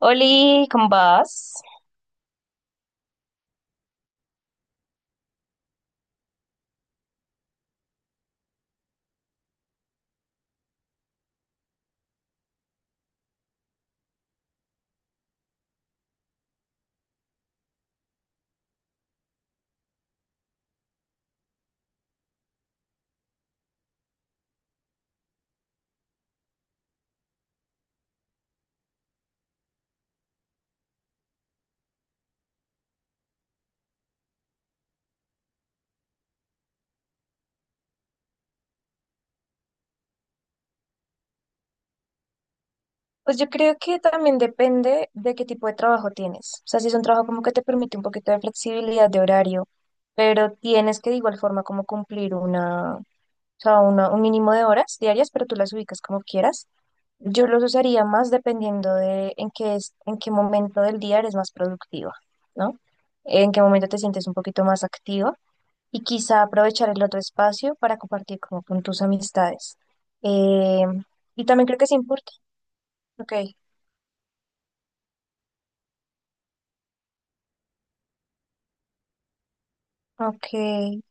Oli, ¿cómo vas? Pues yo creo que también depende de qué tipo de trabajo tienes. O sea, si es un trabajo como que te permite un poquito de flexibilidad de horario, pero tienes que de igual forma como cumplir una, o sea, un mínimo de horas diarias, pero tú las ubicas como quieras. Yo los usaría más dependiendo de en qué es, en qué momento del día eres más productiva, ¿no? En qué momento te sientes un poquito más activa y quizá aprovechar el otro espacio para compartir como con tus amistades. Eh, y también creo que es importante. Ok, ok.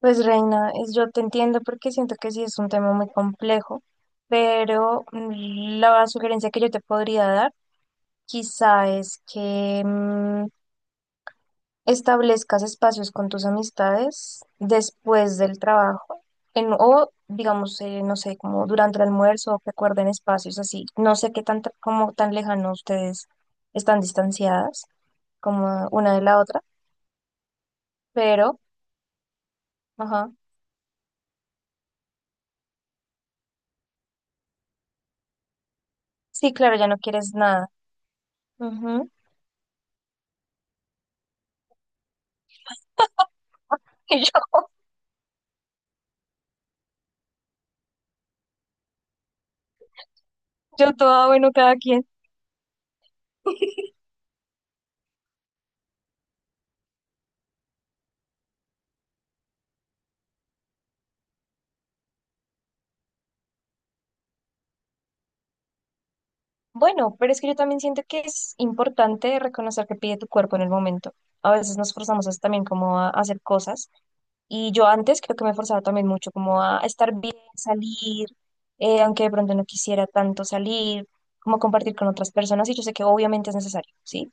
Pues Reina, yo te entiendo porque siento que sí es un tema muy complejo, pero la sugerencia que yo te podría dar quizá es que establezcas espacios con tus amistades después del trabajo o digamos, no sé, como durante el almuerzo que acuerden espacios así. No sé qué tan, como tan lejano ustedes están distanciadas como una de la otra, pero, ajá. Sí, claro, ya no quieres nada. Ujú. Y yo toda, bueno, cada quien. Bueno, pero es que yo también siento que es importante reconocer que pide tu cuerpo en el momento. A veces nos forzamos también como a hacer cosas. Y yo antes creo que me forzaba también mucho como a estar bien, salir, aunque de pronto no quisiera tanto salir, como compartir con otras personas, y yo sé que obviamente es necesario, ¿sí?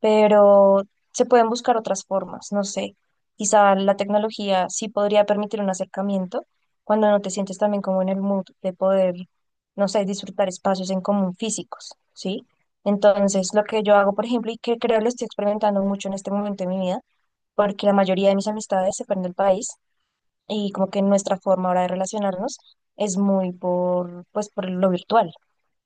Pero se pueden buscar otras formas, no sé. Quizá la tecnología sí podría permitir un acercamiento cuando no te sientes también como en el mood de poder, no sé, disfrutar espacios en común físicos, ¿sí? Entonces, lo que yo hago, por ejemplo, y que creo lo estoy experimentando mucho en este momento de mi vida, porque la mayoría de mis amistades se fueron del país, y como que nuestra forma ahora de relacionarnos es muy por, pues, por lo virtual.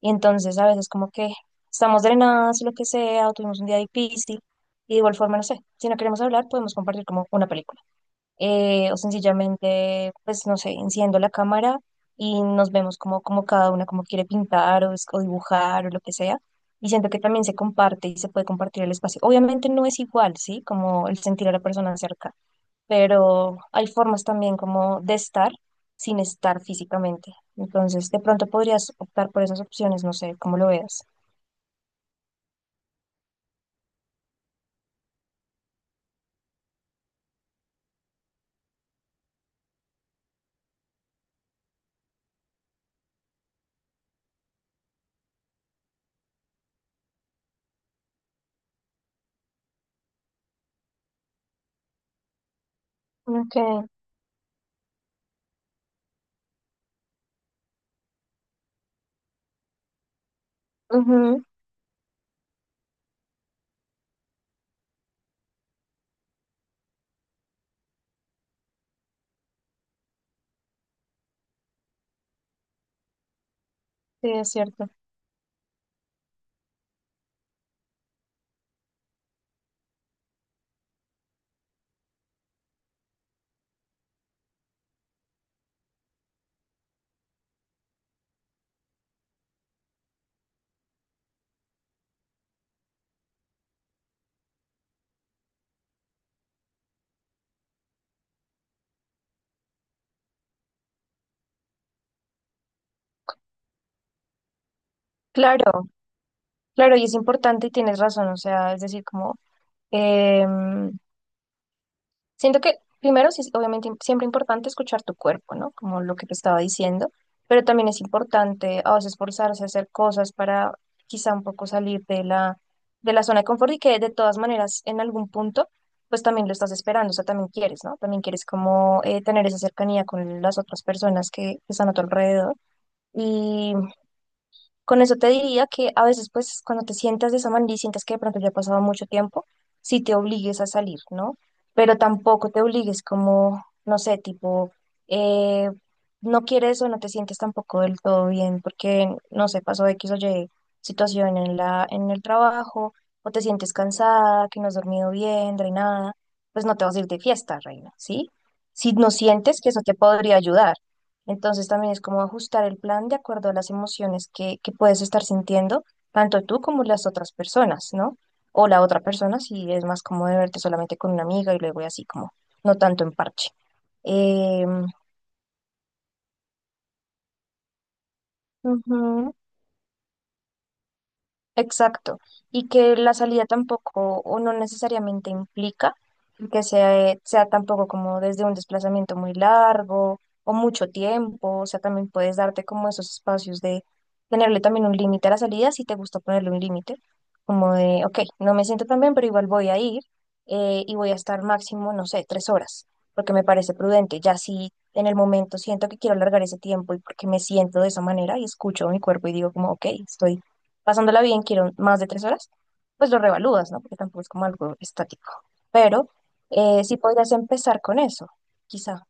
Y entonces a veces como que estamos drenadas, lo que sea, o tuvimos un día difícil, y de igual forma, no sé, si no queremos hablar, podemos compartir como una película. O sencillamente, pues, no sé, enciendo la cámara y nos vemos como, como cada una como quiere pintar o, o dibujar o lo que sea. Y siento que también se comparte y se puede compartir el espacio. Obviamente no es igual, ¿sí? Como el sentir a la persona cerca, pero hay formas también como de estar sin estar físicamente. Entonces, de pronto podrías optar por esas opciones, no sé cómo lo veas. Okay, ujú, sí, es cierto. Claro, claro, y es importante y tienes razón, o sea, es decir, como... em, siento que primero sí es obviamente siempre importante escuchar tu cuerpo, ¿no? Como lo que te estaba diciendo, pero también es importante a veces esforzarse a hacer cosas para quizá un poco salir de la zona de confort y que de todas maneras en algún punto pues también lo estás esperando, o sea, también quieres, ¿no? También quieres como tener esa cercanía con las otras personas que están a tu alrededor. Con eso te diría que a veces, pues, cuando te sientas de esa manera y sientes que de pronto ya ha pasado mucho tiempo, sí te obligues a salir, ¿no? Pero tampoco te obligues como, no sé, tipo, eh, no quieres o no te sientes tampoco del todo bien porque, no sé, pasó X o Y situación en la, en el trabajo, o te sientes cansada, que no has dormido bien, drenada, pues no te vas a ir de fiesta, reina, ¿sí? Si no sientes que eso te podría ayudar, entonces también es como ajustar el plan de acuerdo a las emociones que puedes estar sintiendo, tanto tú como las otras personas, ¿no? O la otra persona, si es más cómodo de verte solamente con una amiga y luego y así como, no tanto en parche. Eh, ujú. Exacto, y que la salida tampoco o no necesariamente implica que sea, sea tampoco como desde un desplazamiento muy largo o mucho tiempo, o sea, también puedes darte como esos espacios de tenerle también un límite a la salida si te gusta ponerle un límite, como de, ok, no me siento tan bien, pero igual voy a ir, y voy a estar máximo, no sé, tres horas, porque me parece prudente, ya si en el momento siento que quiero alargar ese tiempo y porque me siento de esa manera y escucho mi cuerpo y digo como, ok, estoy pasándola bien, quiero más de tres horas, pues lo revalúas, ¿no? Porque tampoco es como algo estático. Pero sí podrías empezar con eso, quizá.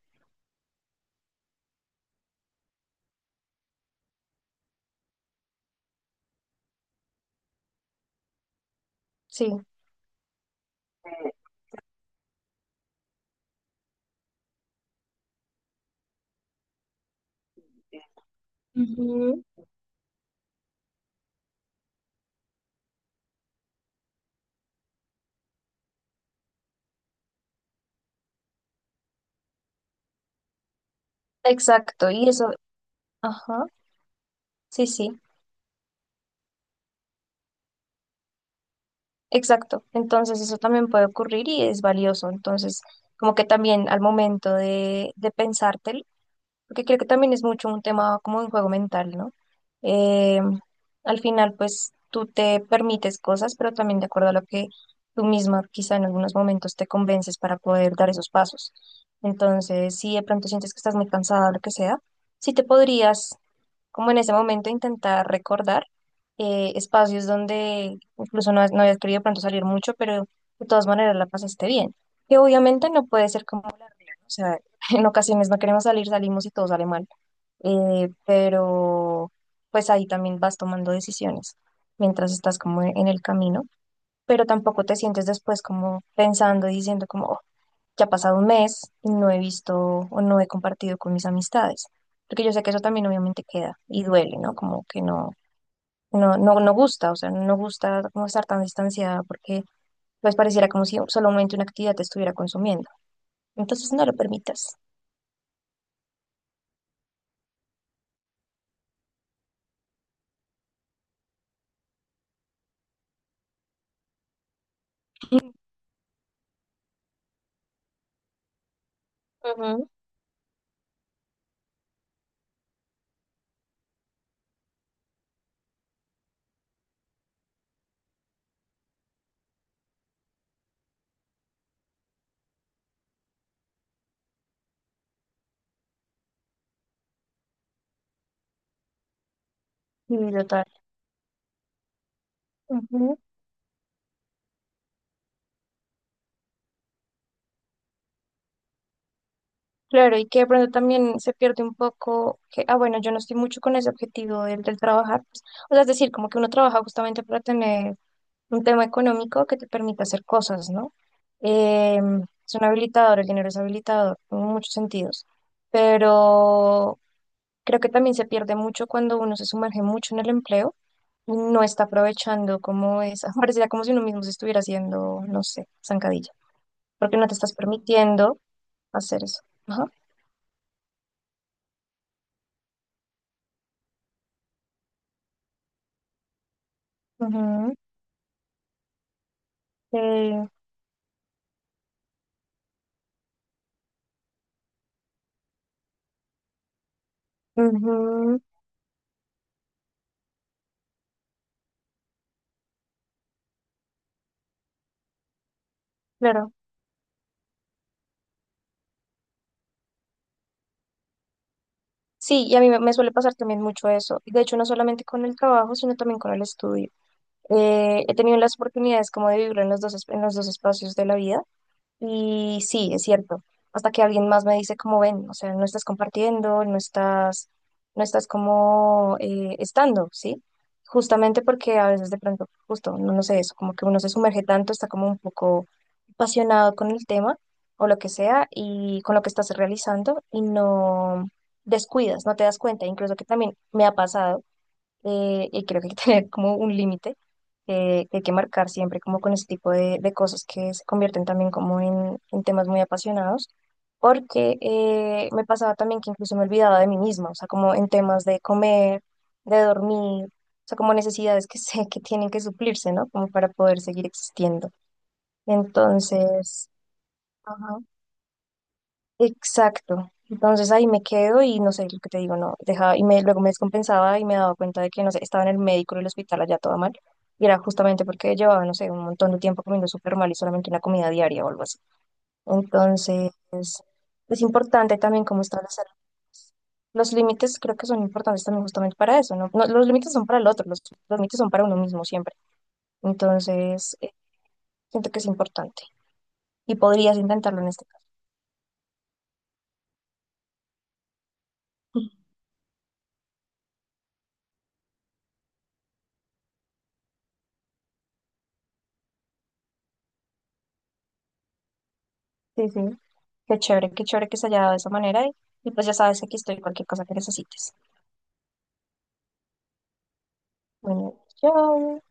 Sí. Ujú. Exacto. Y eso, ajá, sí, sí, exacto. Entonces eso también puede ocurrir y es valioso. Entonces, como que también al momento de pensártelo, porque creo que también es mucho un tema como un juego mental, ¿no? Eh, Al final, pues tú te permites cosas, pero también de acuerdo a lo que tú misma quizá en algunos momentos te convences para poder dar esos pasos. Entonces, si de pronto sientes que estás muy cansada o lo que sea, sí te podrías, como en ese momento, intentar recordar espacios donde incluso no, no hayas querido de pronto salir mucho, pero de todas maneras la pasaste bien. Que obviamente no puede ser como, o sea, en ocasiones no queremos salir, salimos y todo sale mal, pero pues ahí también vas tomando decisiones mientras estás como en el camino, pero tampoco te sientes después como pensando y diciendo como, "Oh, ya ha pasado un mes y no he visto o no he compartido con mis amistades", porque yo sé que eso también obviamente queda y duele, ¿no? Como que no, no, no, no gusta, o sea, no gusta como estar tan distanciada porque pues pareciera como si solamente una actividad te estuviera consumiendo. Entonces no lo permitas. Ujú. Y total. Claro, y que de pronto también se pierde un poco que, ah, bueno, yo no estoy mucho con ese objetivo del, del trabajar. Pues, o sea, es decir, como que uno trabaja justamente para tener un tema económico que te permita hacer cosas, ¿no? Eh, es un habilitador, el dinero es habilitador en muchos sentidos, pero creo que también se pierde mucho cuando uno se sumerge mucho en el empleo y no está aprovechando como esa, pareciera como si uno mismo se estuviera haciendo, no sé, zancadilla, porque no te estás permitiendo hacer eso. Ajá. Ujú. Eh, ujú, claro. Sí, y a mí me suele pasar también mucho eso. De hecho, no solamente con el trabajo, sino también con el estudio. He tenido las oportunidades como de vivirlo en los dos, en los dos espacios de la vida. Y sí, es cierto. Hasta que alguien más me dice cómo ven, o sea, no estás compartiendo, no estás, no estás como estando, ¿sí? Justamente porque a veces de pronto, justo, no, no sé eso, como que uno se sumerge tanto, está como un poco apasionado con el tema o lo que sea y con lo que estás realizando y no descuidas, no te das cuenta, incluso que también me ha pasado, y creo que hay que tener como un límite, que hay que marcar siempre como con este tipo de cosas que se convierten también como en temas muy apasionados, porque me pasaba también que incluso me olvidaba de mí misma, o sea, como en temas de comer, de dormir, o sea, como necesidades que sé que tienen que suplirse, ¿no? Como para poder seguir existiendo. Entonces, ajá. Exacto. Entonces ahí me quedo y no sé lo que te digo, no, dejaba y me, luego me descompensaba y me daba cuenta de que no sé, estaba en el médico en el hospital allá toda mal y era justamente porque llevaba, no sé, un montón de tiempo comiendo súper mal y solamente una comida diaria o algo así. Entonces es importante también cómo está la salud. Los límites creo que son importantes también justamente para eso, ¿no? No, los límites son para el otro, los límites son para uno mismo siempre. Entonces siento que es importante y podrías intentarlo en este caso. Sí, sí. Qué chévere que se haya dado de esa manera y pues ya sabes que aquí estoy, cualquier cosa que necesites. Bueno, chao.